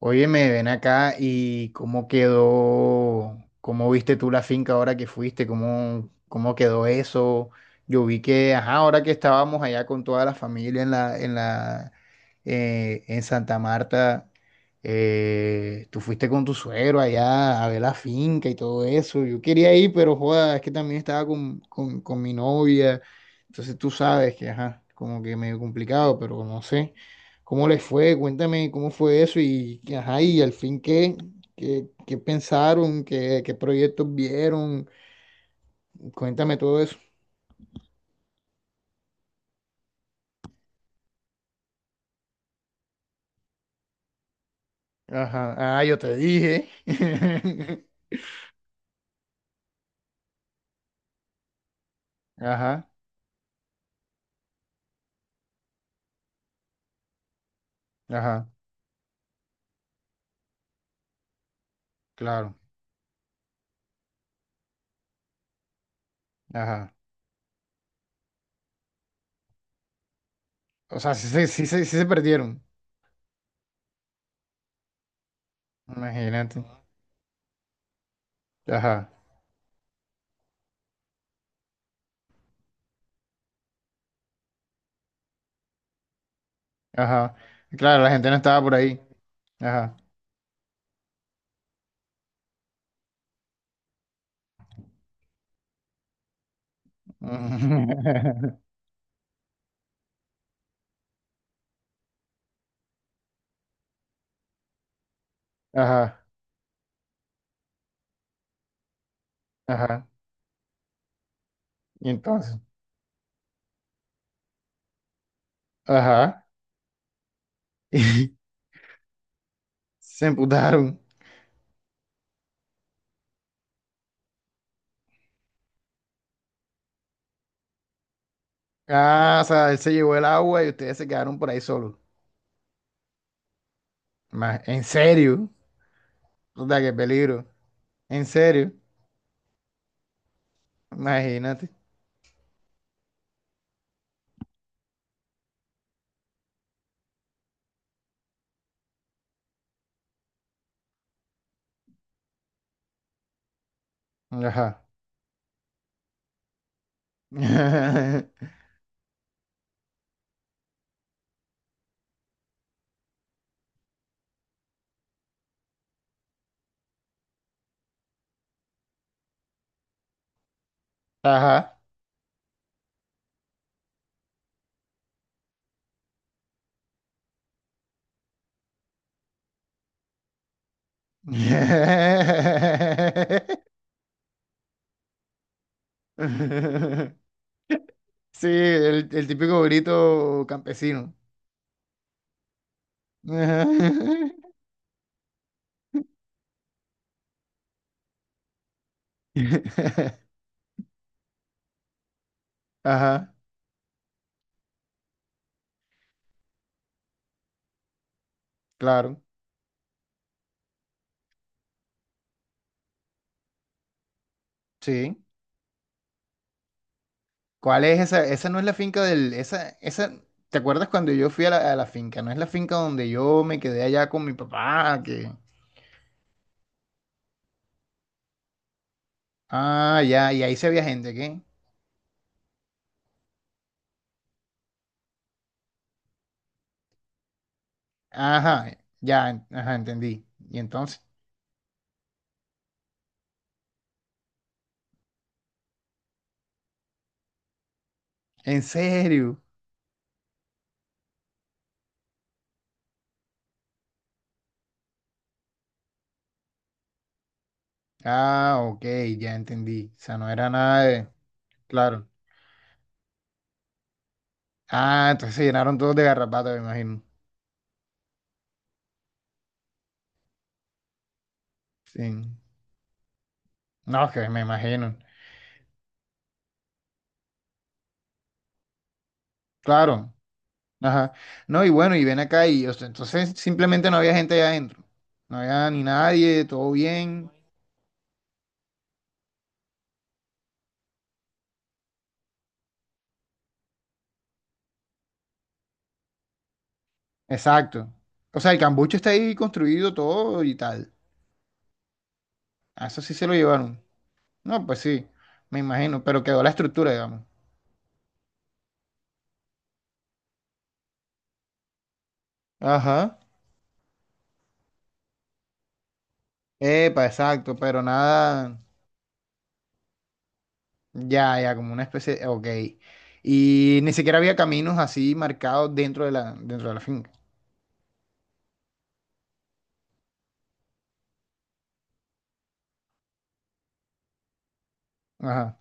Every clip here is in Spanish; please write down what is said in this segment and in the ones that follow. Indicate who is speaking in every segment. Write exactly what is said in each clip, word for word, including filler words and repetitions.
Speaker 1: Oye, me ven acá y cómo quedó, cómo viste tú la finca ahora que fuiste, cómo, cómo quedó eso. Yo vi que, ajá, ahora que estábamos allá con toda la familia en la, en la, eh, en Santa Marta, eh, tú fuiste con tu suegro allá a ver la finca y todo eso. Yo quería ir, pero joda, es que también estaba con, con, con mi novia. Entonces tú sabes que, ajá, como que medio complicado, pero no sé. ¿Cómo les fue? Cuéntame cómo fue eso y, ajá, y al fin qué, qué, qué pensaron, qué, qué proyectos vieron. Cuéntame todo eso. Ajá, ah, yo te dije. Ajá, ajá, claro, ajá. O sea, sí, se- sí, se- sí, se perdieron, imagínate. Ajá, ajá. Claro, la gente no estaba por ahí. Ajá. Ajá, ajá. Y entonces, ajá. Se emputaron. Ah, o sea, él se llevó el agua y ustedes se quedaron por ahí solos. Más, en serio. O sea, qué peligro. En serio. Imagínate. Ajá. Ajá. Sí, el, el típico grito campesino. Ajá, Ajá, claro. Sí. ¿Cuál es esa? Esa no es la finca del, esa, esa, ¿te acuerdas cuando yo fui a la, a la finca? No es la finca donde yo me quedé allá con mi papá, que ah, ya, y ahí se veía gente, ¿qué? Ajá, ya, en- ajá, entendí. ¿Y entonces? ¿En serio? Ah, ok, ya entendí. O sea, no era nada de... Claro. Ah, entonces se llenaron todos de garrapatas, me imagino. Sí. No, que me imagino. Claro. Ajá. No, y bueno, y ven acá y o sea, entonces simplemente no había gente allá adentro. No había ni nadie, todo bien. Exacto. O sea, el cambuche está ahí construido todo y tal. A eso sí se lo llevaron. No, pues sí, me imagino, pero quedó la estructura, digamos. Ajá. Epa, exacto, pero nada, ya, ya, como una especie, ok. Y ni siquiera había caminos así marcados dentro de la, dentro de la finca. Ajá,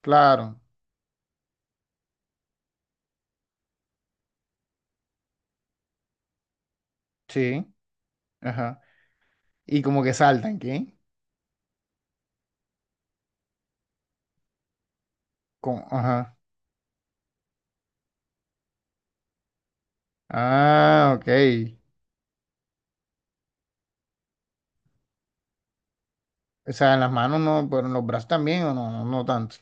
Speaker 1: claro, sí, ajá. Y como que saltan, ¿qué? Como, ajá. Ah, ok. O sea, en las manos no, pero en los brazos también, o no, no, no tanto.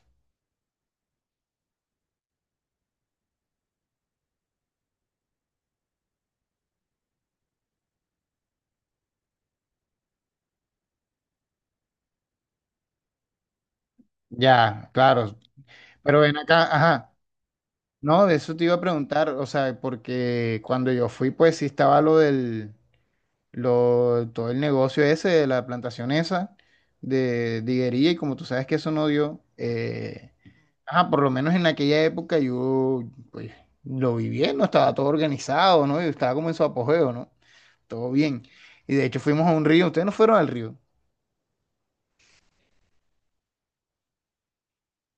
Speaker 1: Ya, claro. Pero ven acá, ajá. No, de eso te iba a preguntar, o sea, porque cuando yo fui, pues sí estaba lo del, lo, todo el negocio ese de la plantación esa de diguería y como tú sabes que eso no dio, eh, ajá, por lo menos en aquella época yo, pues, lo vi bien, no estaba todo organizado, ¿no? Yo estaba como en su apogeo, ¿no? Todo bien. Y de hecho fuimos a un río, ustedes no fueron al río.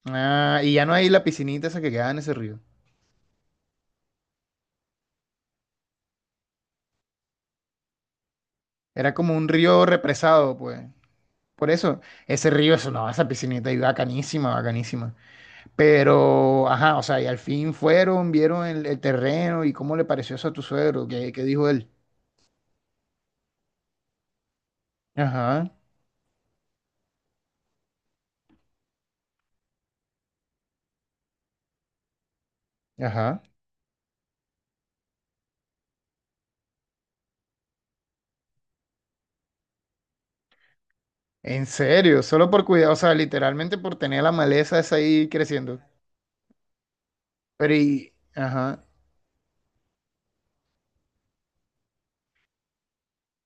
Speaker 1: Ah, y ya no hay la piscinita esa que quedaba en ese río. Era como un río represado, pues. Por eso, ese río es una, esa piscinita y bacanísima, bacanísima. Pero, ajá, o sea, y al fin fueron, vieron el, el terreno y cómo le pareció eso a tu suegro, qué, qué dijo él. Ajá, ajá. En serio, solo por cuidado, o sea, literalmente por tener la maleza esa ahí creciendo. Pero y, ajá.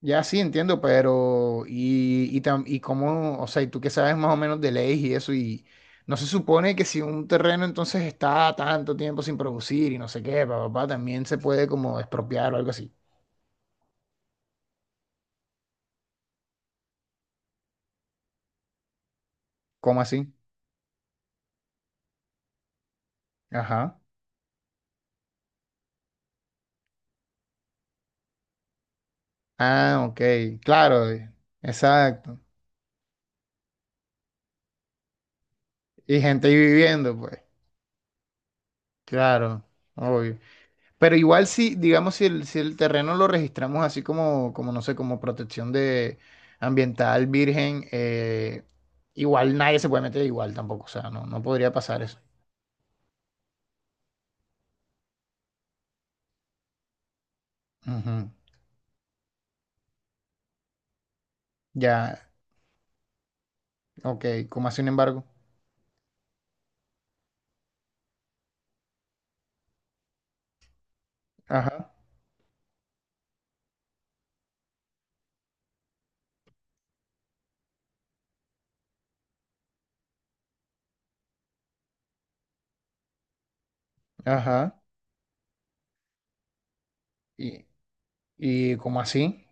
Speaker 1: Ya sí, entiendo, pero y, y, tam- y cómo, o sea, y tú que sabes más o menos de leyes y eso, y no se supone que si un terreno entonces está tanto tiempo sin producir y no sé qué, papá, también se puede como expropiar o algo así. ¿Cómo así? Ajá. Ah, ok, claro, eh, exacto. Y gente ahí viviendo, pues, claro, obvio. Pero igual si, digamos, si el, si el terreno lo registramos así como, como, no sé, como protección de ambiental virgen, eh, igual nadie se puede meter igual tampoco, o sea, no, no podría pasar eso. Ujú. Ya, ok, ¿cómo así, sin embargo? Ajá, ajá, y, y ¿cómo así?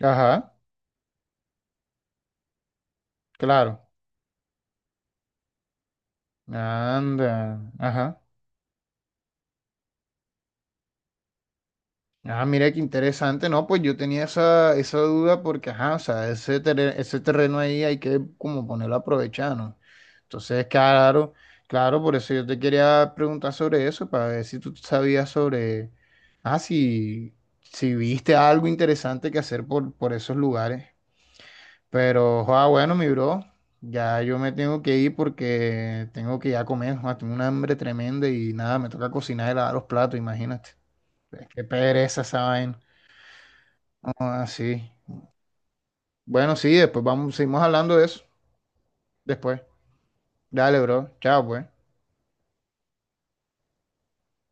Speaker 1: Ajá, claro, anda, ajá. Ah, mira qué interesante, ¿no? Pues yo tenía esa, esa duda porque, ajá, o sea, ese, terre- ese terreno ahí hay que como ponerlo a aprovechar, ¿no? Entonces, claro, claro, por eso yo te quería preguntar sobre eso, para ver si tú sabías sobre, ah, si, si viste algo interesante que hacer por, por esos lugares. Pero, ah, bueno, mi bro, ya yo me tengo que ir porque tengo que ya comer, joa, tengo una hambre tremenda y nada, me toca cocinar y lavar los platos, imagínate. Es que pereza esa vaina. Así. Bueno, sí, después vamos, seguimos hablando de eso. Después. Dale, bro. Chao, pues.